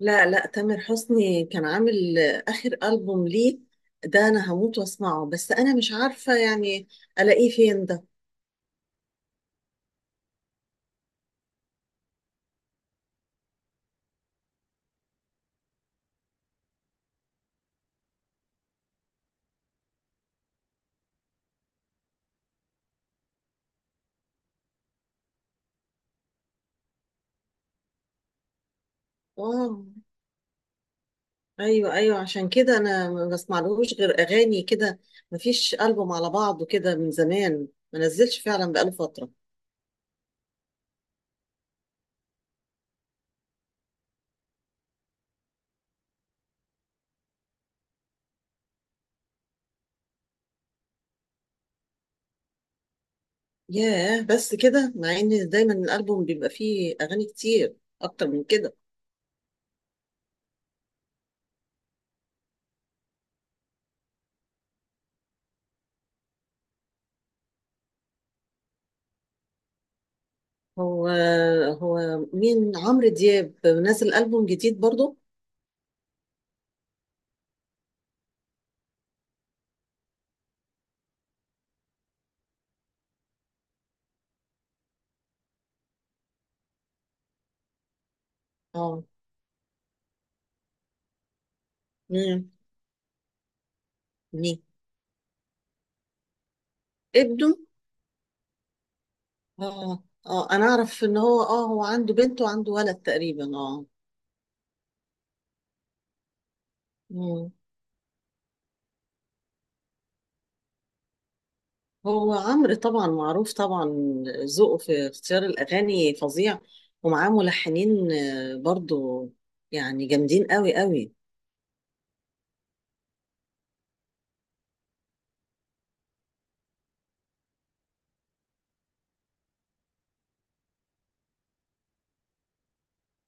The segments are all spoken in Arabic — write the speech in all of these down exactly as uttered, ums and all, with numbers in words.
لا، لا، تامر حسني كان عامل آخر ألبوم ليه. ده أنا هموت وأسمعه بس أنا مش عارفة يعني ألاقيه فين ده. واو. أيوه، أيوه، عشان كده أنا ما بسمعلهوش غير أغاني كده. مفيش ألبوم على بعضه كده من زمان ما نزلش فعلا، بقاله فترة. ياه، بس كده مع إن دايما الألبوم بيبقى فيه أغاني كتير أكتر من كده. هو هو مين؟ عمرو دياب نازل ألبوم جديد برضه؟ اه. مين مين؟ ابنه؟ اه، اه، انا اعرف ان هو اه هو عنده بنت وعنده ولد تقريبا، اه. مم. هو عمرو طبعا معروف، طبعا ذوقه في اختيار الاغاني فظيع. ومعاه ملحنين آه، برضو يعني جامدين قوي قوي.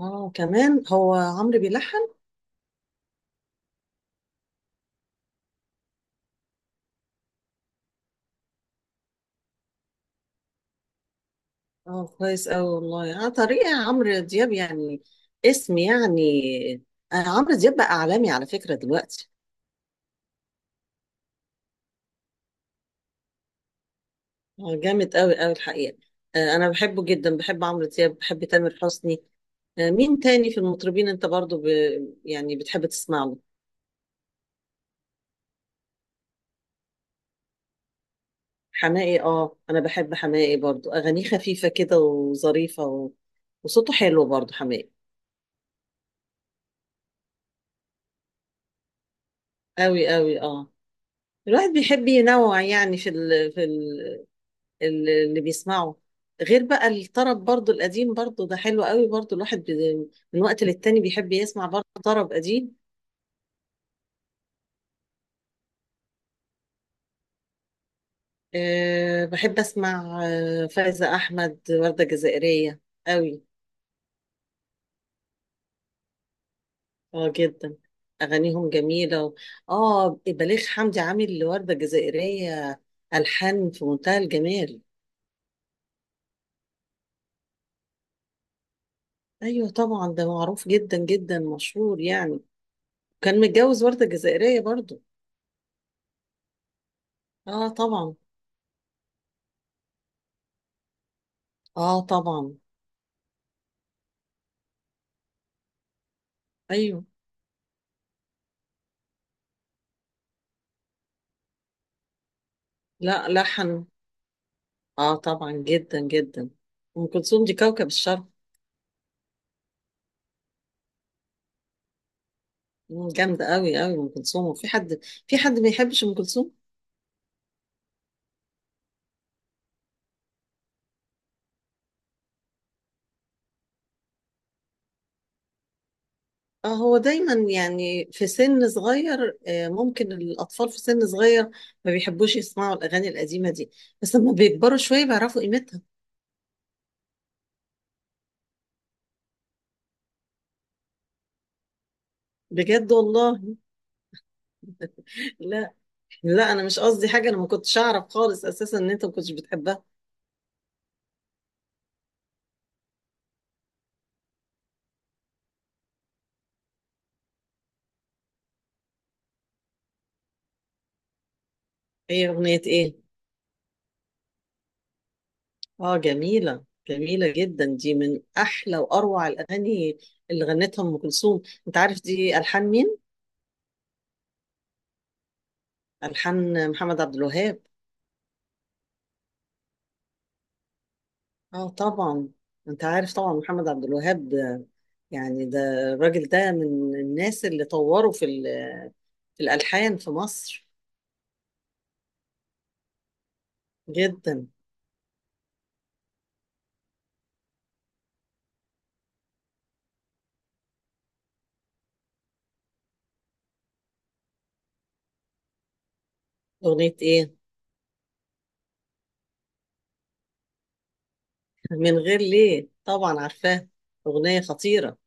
اه، كمان هو عمرو بيلحن. اه، كويس قوي والله على طريقة عمرو دياب يعني. اسم يعني، آه، عمرو دياب بقى اعلامي على فكرة دلوقتي. هو جامد قوي قوي الحقيقة. آه، أنا بحبه جدا، بحب عمرو دياب، بحب تامر حسني. آه، مين تاني في المطربين أنت برضو ب... يعني بتحب تسمع له؟ حماقي، آه أنا بحب حماقي برضو، أغانيه خفيفة كده وظريفة و... وصوته حلو برضو حماقي. قوي قوي. آه الواحد بيحب ينوع يعني في ال... في ال... ال- اللي بيسمعه. غير بقى الطرب برضو القديم برضو، ده حلو قوي برضو، الواحد بي... من وقت للتاني بيحب يسمع برضو طرب قديم. أه، بحب أسمع آه، فايزة أحمد، وردة جزائرية قوي. اه، جدا. أغانيهم جميلة و... اه، بليغ حمدي عامل لوردة جزائرية ألحان في منتهى الجمال. أيوة طبعا، ده معروف جدا جدا، مشهور يعني، كان متجوز وردة جزائرية برضو. اه طبعا. اه طبعا. أيوة. لا، لحن. اه طبعا، جدا جدا. أم كلثوم دي كوكب الشرق. مم، جامدة قوي قوي أم كلثوم، وفي حد في حد ما يحبش أم كلثوم؟ آه، هو دايما يعني في سن صغير، آه، ممكن الأطفال في سن صغير ما بيحبوش يسمعوا الأغاني القديمة دي. بس لما بيكبروا شوية بيعرفوا قيمتها. بجد والله؟ لا، لا، أنا مش قصدي حاجة، أنا ما كنتش أعرف خالص أساسا إن أنت ما كنتش بتحبها. هي أغنية إيه؟ آه جميلة، جميلة جدا، دي من أحلى وأروع الأغاني اللي غنتها أم كلثوم. أنت عارف دي ألحان مين؟ ألحان محمد عبد الوهاب. اه طبعا. انت عارف طبعا محمد عبد الوهاب، آه، يعني ده الراجل ده من الناس اللي طوروا في, ال- في الالحان في مصر. جدا. اغنيه ايه؟ من غير ليه، طبعا عارفاها. اغنيه خطيره.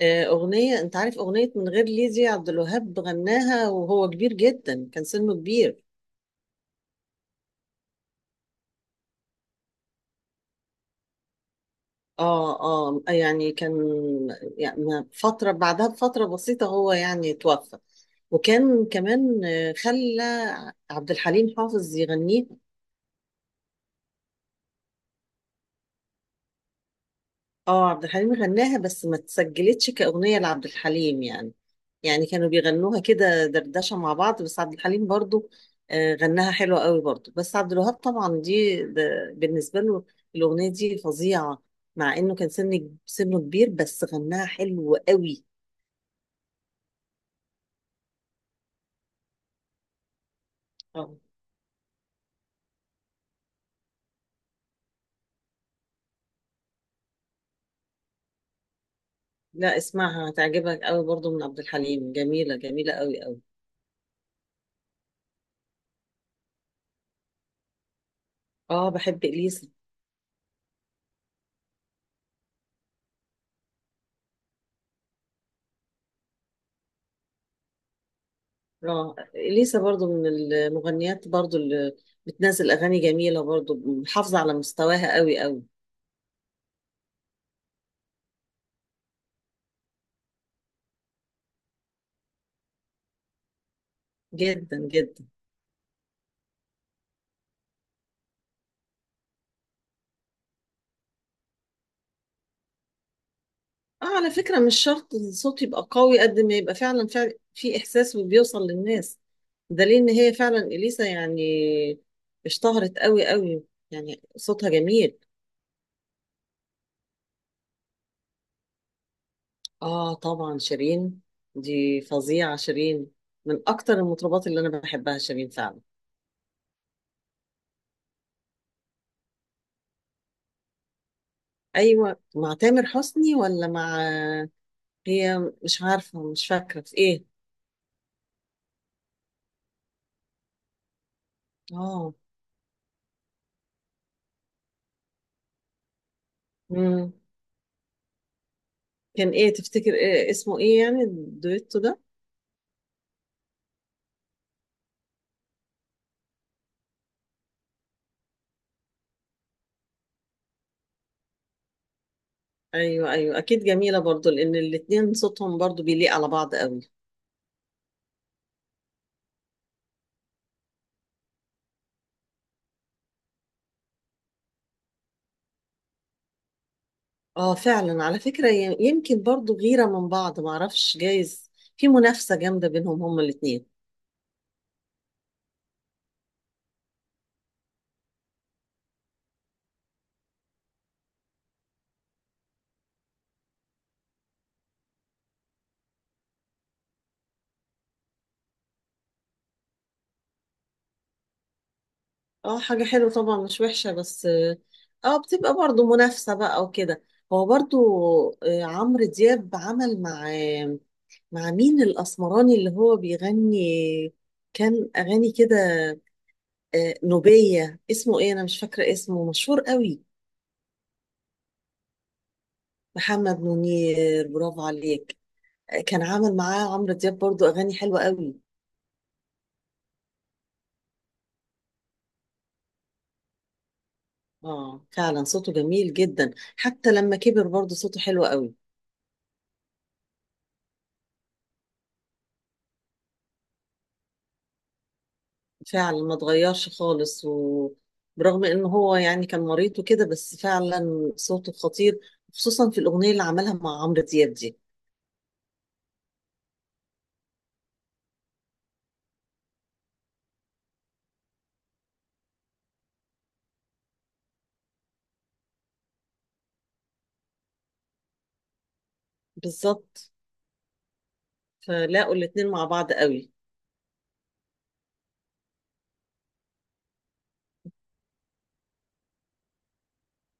آه، اغنيه، انت عارف اغنيه من غير ليه دي عبد الوهاب غناها وهو كبير جدا، كان سنه كبير. اه، اه، يعني كان، يعني فتره بعدها بفتره بسيطه هو يعني توفى. وكان كمان آه، خلى عبد الحليم حافظ يغنيها. اه، عبد الحليم غناها بس ما اتسجلتش كأغنية لعبد الحليم يعني. يعني كانوا بيغنوها كده دردشة مع بعض، بس عبد الحليم برضو آه، غناها حلوة قوي برضو. بس عبد الوهاب طبعا دي، ده بالنسبة له الأغنية دي فظيعة. مع إنه كان سن سنه كبير بس غناها حلو قوي. اه. لا، اسمعها هتعجبك قوي برضو من عبد الحليم، جميلة جميلة قوي قوي. اه، بحب إليسا. اه، اليسا برضو من المغنيات برضو اللي بتنزل اغاني جميله، برضو محافظه على مستواها قوي قوي. جدا جدا. اه، على فكره مش شرط الصوت يبقى قوي قد ما يبقى فعلا، فعلا في احساس وبيوصل للناس. دليل ان هي فعلا اليسا يعني اشتهرت قوي قوي، يعني صوتها جميل. اه طبعا، شيرين دي فظيعه، شيرين من اكتر المطربات اللي انا بحبها شيرين فعلا. ايوه، مع تامر حسني ولا مع، هي مش عارفة، مش فاكرة في ايه؟ اه. مم. كان ايه، تفتكر إيه اسمه، ايه يعني الدويتو ده؟ ايوه، ايوه، اكيد جميلة برضو لان الاتنين صوتهم برضو بيليق على بعض قوي. اه فعلا، على فكرة ي- يمكن برضو غيرة من بعض، معرفش، جايز في منافسة جامدة بينهم هما الاتنين. اه، حاجة حلوة طبعا مش وحشة، بس اه بتبقى برضو منافسة بقى وكده. هو برضو آه، عمرو دياب عمل مع مع مين الأسمراني اللي هو بيغني؟ كان أغاني كده، آه، نوبية، اسمه إيه؟ أنا مش فاكرة اسمه، مشهور قوي. محمد منير، برافو عليك. آه، كان عامل معاه عمرو دياب برضو أغاني حلوة قوي. آه فعلا صوته جميل جدا. حتى لما كبر برضو صوته حلو قوي. فعلا ما اتغيرش خالص، وبرغم إن هو يعني كان مريض وكده بس فعلا صوته خطير. خصوصا في الأغنية اللي عملها مع عمرو دياب دي. بالظبط، فلاقوا الاتنين مع بعض قوي.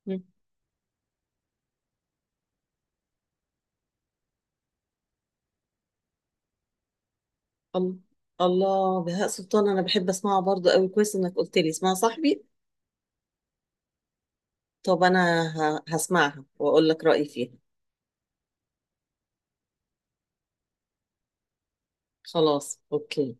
مم. الله، الله، بهاء سلطان انا بحب اسمعها برضو قوي، كويس انك قلت لي اسمها صاحبي. طب انا ه- هسمعها واقول لك رايي فيها. خلاص، اوكي.